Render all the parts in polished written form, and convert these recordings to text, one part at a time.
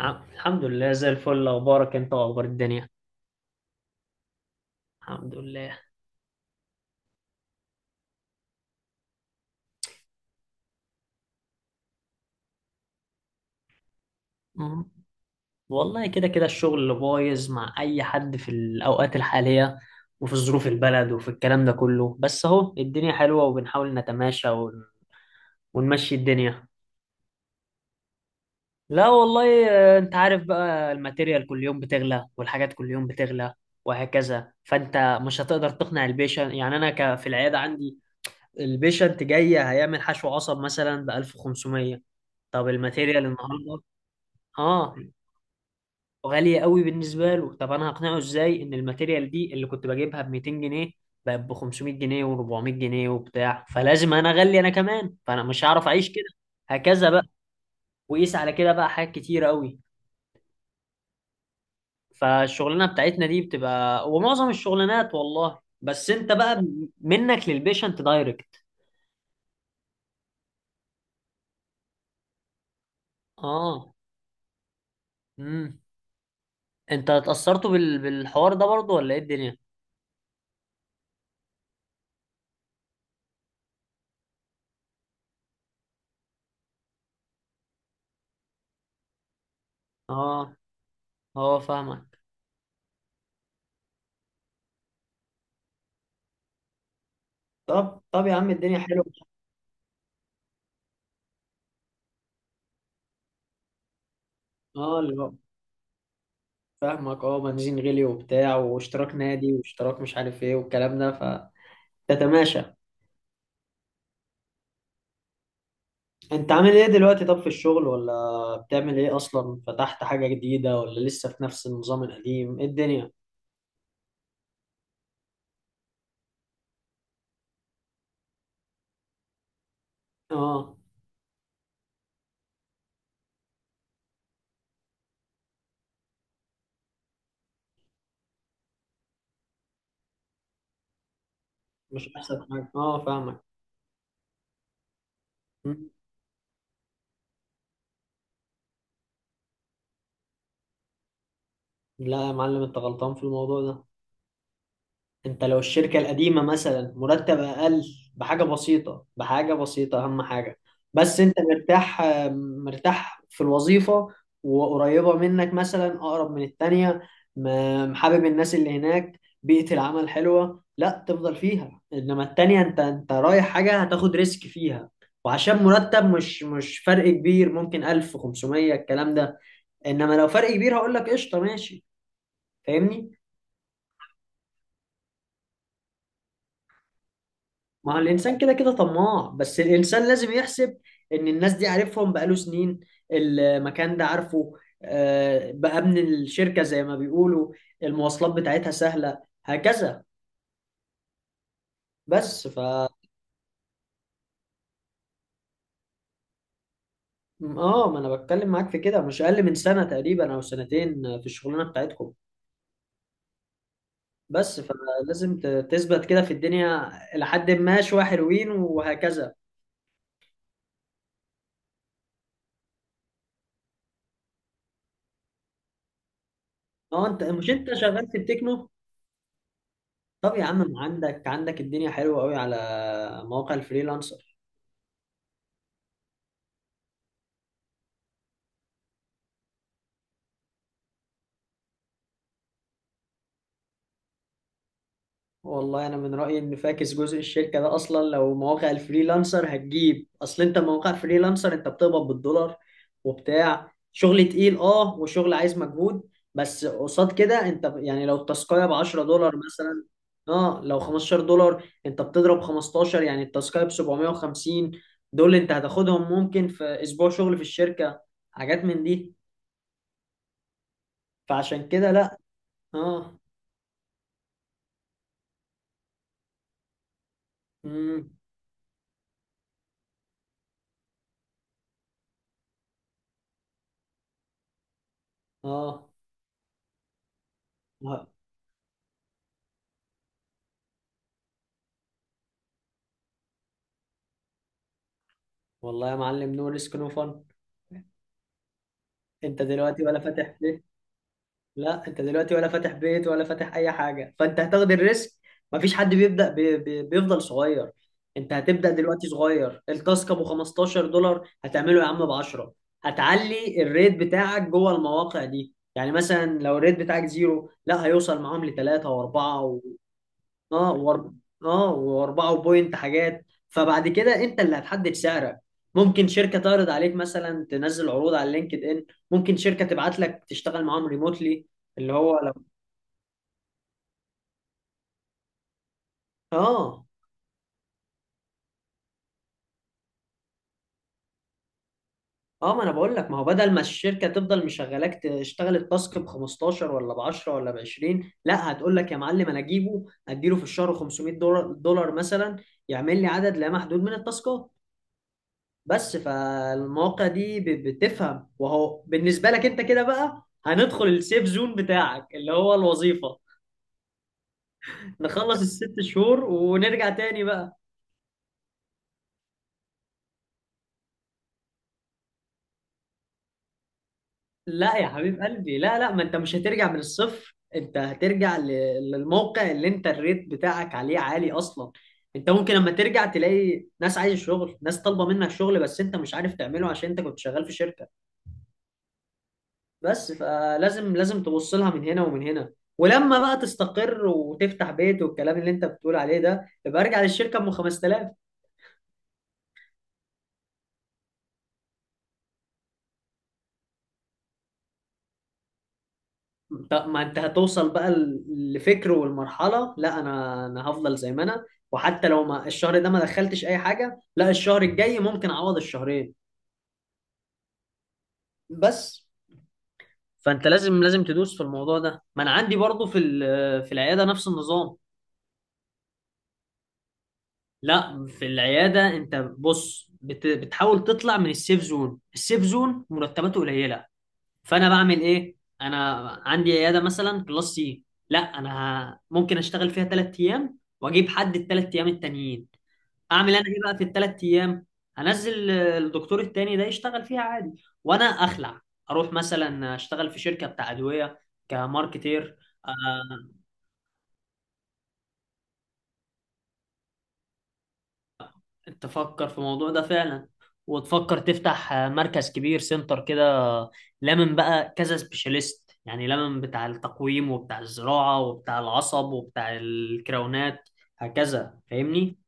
الحمد لله زي الفل، اخبارك انت واخبار الدنيا؟ الحمد لله. مم. والله كده كده الشغل اللي بايظ مع اي حد في الاوقات الحاليه، وفي ظروف البلد وفي الكلام ده كله، بس اهو الدنيا حلوه وبنحاول نتماشى ونمشي الدنيا. لا والله، انت عارف بقى، الماتيريال كل يوم بتغلى والحاجات كل يوم بتغلى وهكذا، فانت مش هتقدر تقنع البيشنت. يعني انا في العياده عندي البيشنت جاي هيعمل حشو عصب مثلا ب 1500، طب الماتيريال النهارده. اه، وغالية قوي بالنسبة له. طب انا هقنعه ازاي ان الماتيريال دي اللي كنت بجيبها ب 200 جنيه بقت ب 500 جنيه و400 جنيه وبتاع، فلازم انا اغلي انا كمان، فانا مش هعرف اعيش كده هكذا بقى. وقيس على كده بقى حاجات كتيرة قوي. فالشغلانة بتاعتنا دي بتبقى ومعظم الشغلانات، والله، بس انت بقى منك للبيشنت دايركت. اه. امم، انت اتأثرتوا بالحوار ده برضو ولا ايه الدنيا؟ اه. اه، فاهمك. طب طب يا عم الدنيا حلوة. اه، اللي هو فاهمك. اه، بنزين غلي وبتاع، واشتراك نادي، واشتراك مش عارف ايه، والكلام ده، فتتماشى. انت عامل ايه دلوقتي طب في الشغل، ولا بتعمل ايه اصلا، فتحت حاجة جديدة ولا لسه في نفس النظام القديم، ايه الدنيا؟ اه، مش احسن حاجة. اه، فاهمك. مم. لا يا معلم، انت غلطان في الموضوع ده. انت لو الشركة القديمة مثلا مرتب اقل بحاجة بسيطة، بحاجة بسيطة، اهم حاجة بس انت مرتاح، مرتاح في الوظيفة، وقريبة منك مثلا اقرب من التانية، حابب الناس اللي هناك، بيئة العمل حلوة، لا تفضل فيها. انما التانية انت رايح حاجة هتاخد ريسك فيها، وعشان مرتب مش فرق كبير، ممكن 1500 الكلام ده. انما لو فرق كبير هقول لك قشطة ماشي، فاهمني. ما هو الإنسان كده كده طماع، بس الإنسان لازم يحسب إن الناس دي عارفهم بقاله سنين، المكان ده عارفه، بقى من الشركة زي ما بيقولوا، المواصلات بتاعتها سهلة هكذا. بس ف ما أنا بتكلم معاك في كده مش أقل من سنة تقريبا أو سنتين في الشغلانة بتاعتكم. بس فلازم تثبت كده في الدنيا إلى حد ما، شوية حلوين وهكذا. أه، أنت مش أنت شغال في التكنو. طب يا عم ما عندك عندك الدنيا حلوة قوي على مواقع الفريلانسر. والله انا من رايي ان فاكس جزء الشركه ده اصلا، لو مواقع الفريلانسر هتجيب، اصل انت مواقع فريلانسر انت بتقبض بالدولار وبتاع، شغل تقيل اه، وشغل عايز مجهود. بس قصاد كده انت يعني لو التاسكايه ب 10 دولار مثلا، اه، لو 15 دولار انت بتضرب 15، يعني التاسكايه ب 750. دول انت هتاخدهم ممكن في اسبوع شغل في الشركه، حاجات من دي. فعشان كده لا. اه. امم. اه. والله يا معلم، نو ريسك نو فن. انت دلوقتي ولا فاتح بيت. لا، انت دلوقتي ولا فاتح بيت ولا فاتح اي حاجه، فانت هتاخد الريسك. مفيش حد بيبدا بي بي بيفضل صغير. انت هتبدا دلوقتي صغير، التاسك ابو 15 دولار هتعمله يا عم ب 10. هتعلي الريت بتاعك جوه المواقع دي. يعني مثلا لو الريت بتاعك زيرو، لا هيوصل معاهم لثلاثة واربعة. اه اه، واربعه بوينت حاجات، فبعد كده انت اللي هتحدد سعرك. ممكن شركه تعرض عليك، مثلا تنزل عروض على لينكد ان. ممكن شركه تبعت لك تشتغل معاهم ريموتلي، اللي هو لو. اه. اه، ما انا بقول لك، ما هو بدل ما الشركه تفضل مشغلاك تشتغل التاسك ب 15 ولا ب 10 ولا ب 20، لا، هتقول لك يا معلم انا اجيبه اديله في الشهر 500 دولار دولار مثلا، يعمل لي عدد لا محدود من التاسكات بس. فالمواقع دي بتفهم، وهو بالنسبة لك انت كده بقى هندخل السيف زون بتاعك اللي هو الوظيفة، نخلص الست شهور ونرجع تاني بقى. لا يا حبيب قلبي، لا لا، ما انت مش هترجع من الصفر، انت هترجع للموقع اللي انت الريت بتاعك عليه عالي اصلا. انت ممكن لما ترجع تلاقي ناس عايز شغل، ناس طالبة منك شغل، بس انت مش عارف تعمله عشان انت كنت شغال في شركة. بس فلازم، لازم تبص لها من هنا ومن هنا، ولما بقى تستقر وتفتح بيت والكلام اللي انت بتقول عليه ده، يبقى ارجع للشركه ب 5000. ما انت هتوصل بقى لفكر والمرحله، لا، انا هفضل زي ما انا، وحتى لو ما الشهر ده ما دخلتش اي حاجه، لا، الشهر الجاي ممكن اعوض الشهرين بس. فانت لازم، لازم تدوس في الموضوع ده. ما انا عندي برضو في في العياده نفس النظام. لا، في العيادة انت بص بتحاول تطلع من السيف زون، السيف زون مرتباته قليلة. فانا بعمل ايه انا؟ عندي عيادة مثلا كلاس سي. لا انا، ممكن اشتغل فيها ثلاث ايام واجيب حد الثلاث ايام التانيين. اعمل انا ايه بقى في الثلاث ايام؟ هنزل الدكتور التاني ده يشتغل فيها عادي، وانا اخلع اروح مثلا اشتغل في شركة بتاع ادوية كماركتير. آه، تفكر في الموضوع ده فعلا، وتفكر تفتح مركز كبير، سنتر كده، لمن بقى كذا سبيشاليست، يعني لمن بتاع التقويم، وبتاع الزراعة، وبتاع العصب، وبتاع الكراونات هكذا، فاهمني.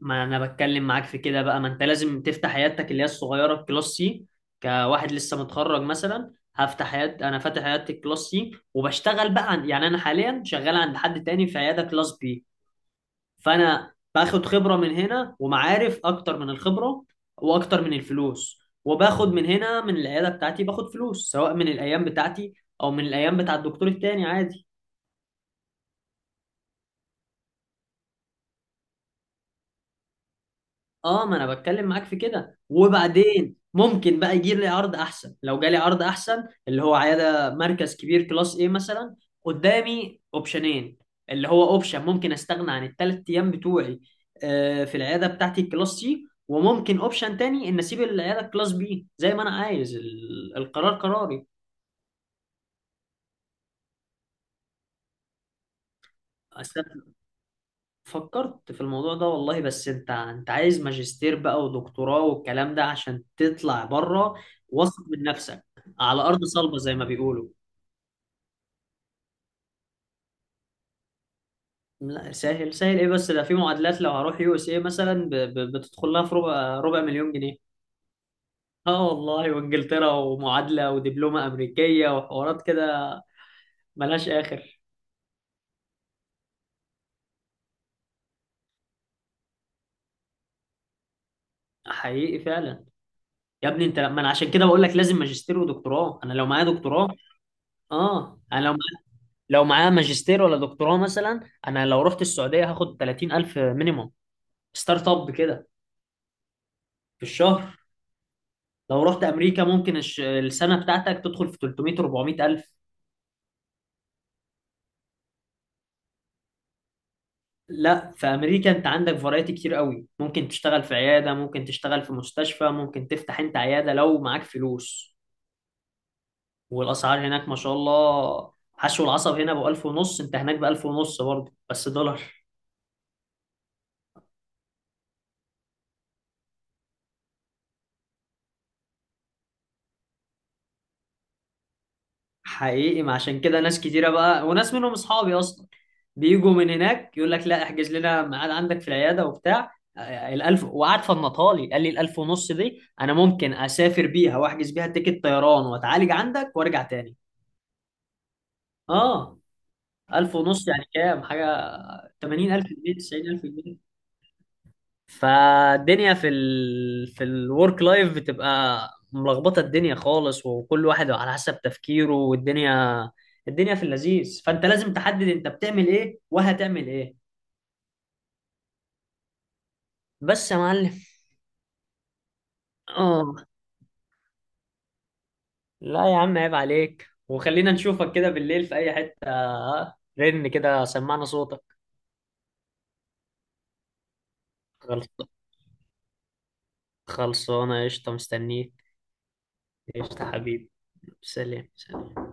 ما انا بتكلم معاك في كده بقى، ما انت لازم تفتح عيادتك اللي هي الصغيرة الكلاس سي كواحد لسه متخرج مثلا، هفتح عيادة، انا فاتح عيادة الكلاس سي وبشتغل بقى يعني انا حاليا شغال عند حد تاني في عيادة كلاس بي. فانا باخد خبره من هنا ومعارف اكتر من الخبره واكتر من الفلوس، وباخد من هنا من العياده بتاعتي، باخد فلوس سواء من الايام بتاعتي او من الايام بتاع الدكتور التاني عادي. اه، ما انا بتكلم معاك في كده، وبعدين ممكن بقى يجي لي عرض احسن. لو جالي عرض احسن اللي هو عياده مركز كبير كلاس ايه مثلا، قدامي اوبشنين، اللي هو اوبشن ممكن استغنى عن الثلاث ايام بتوعي في العياده بتاعتي الكلاس سي، وممكن اوبشن تاني ان اسيب العياده الكلاس بي زي ما انا عايز، القرار قراري. فكرت في الموضوع ده والله، بس انت عايز ماجستير بقى ودكتوراه والكلام ده عشان تطلع بره، واثق من نفسك على ارض صلبه زي ما بيقولوا. لا سهل سهل ايه، بس ده في معادلات. لو هروح يو اس اي مثلا بتدخل لها في ربع ربع مليون جنيه. اه والله، وانجلترا ومعادله ودبلومه امريكيه وحوارات كده ملهاش اخر. حقيقي فعلا. يا ابني انت، ما انا عشان كده بقول لك لازم ماجستير ودكتوراه، انا لو معايا دكتوراه. اه، انا لو معاه ماجستير ولا دكتوراه مثلا، انا لو رحت السعوديه هاخد 30000 مينيموم، ستارت اب كده، في الشهر. لو رحت امريكا ممكن السنه بتاعتك تدخل في 300 400000. لا، في امريكا انت عندك فرايتي كتير قوي، ممكن تشتغل في عياده، ممكن تشتغل في مستشفى، ممكن تفتح انت عياده لو معاك فلوس. والاسعار هناك ما شاء الله، حشو العصب هنا ب 1000 ونص، انت هناك ب 1000 ونص برضه بس دولار. حقيقي، ما عشان كده ناس كتيرة بقى، وناس منهم اصحابي اصلا بيجوا من هناك، يقول لك لا احجز لنا ميعاد عندك في العيادة وبتاع. الالف، وقعد فنطالي قال لي الالف ونص دي انا ممكن اسافر بيها واحجز بيها تيكت طيران واتعالج عندك وارجع تاني. اه، الف ونص يعني كام حاجة؟ 80000 جنيه، 90000 جنيه. فالدنيا في في الورك لايف بتبقى ملخبطه، الدنيا خالص، وكل واحد على حسب تفكيره، والدنيا، الدنيا في اللذيذ، فانت لازم تحدد انت بتعمل ايه وهتعمل ايه. بس يا معلم. اه. لا يا عم، عيب عليك، وخلينا نشوفك كده بالليل في اي حته، رن كده سمعنا صوتك. خلص. خلصانه قشطه، مستنيك. قشطه حبيبي. سلام سلام.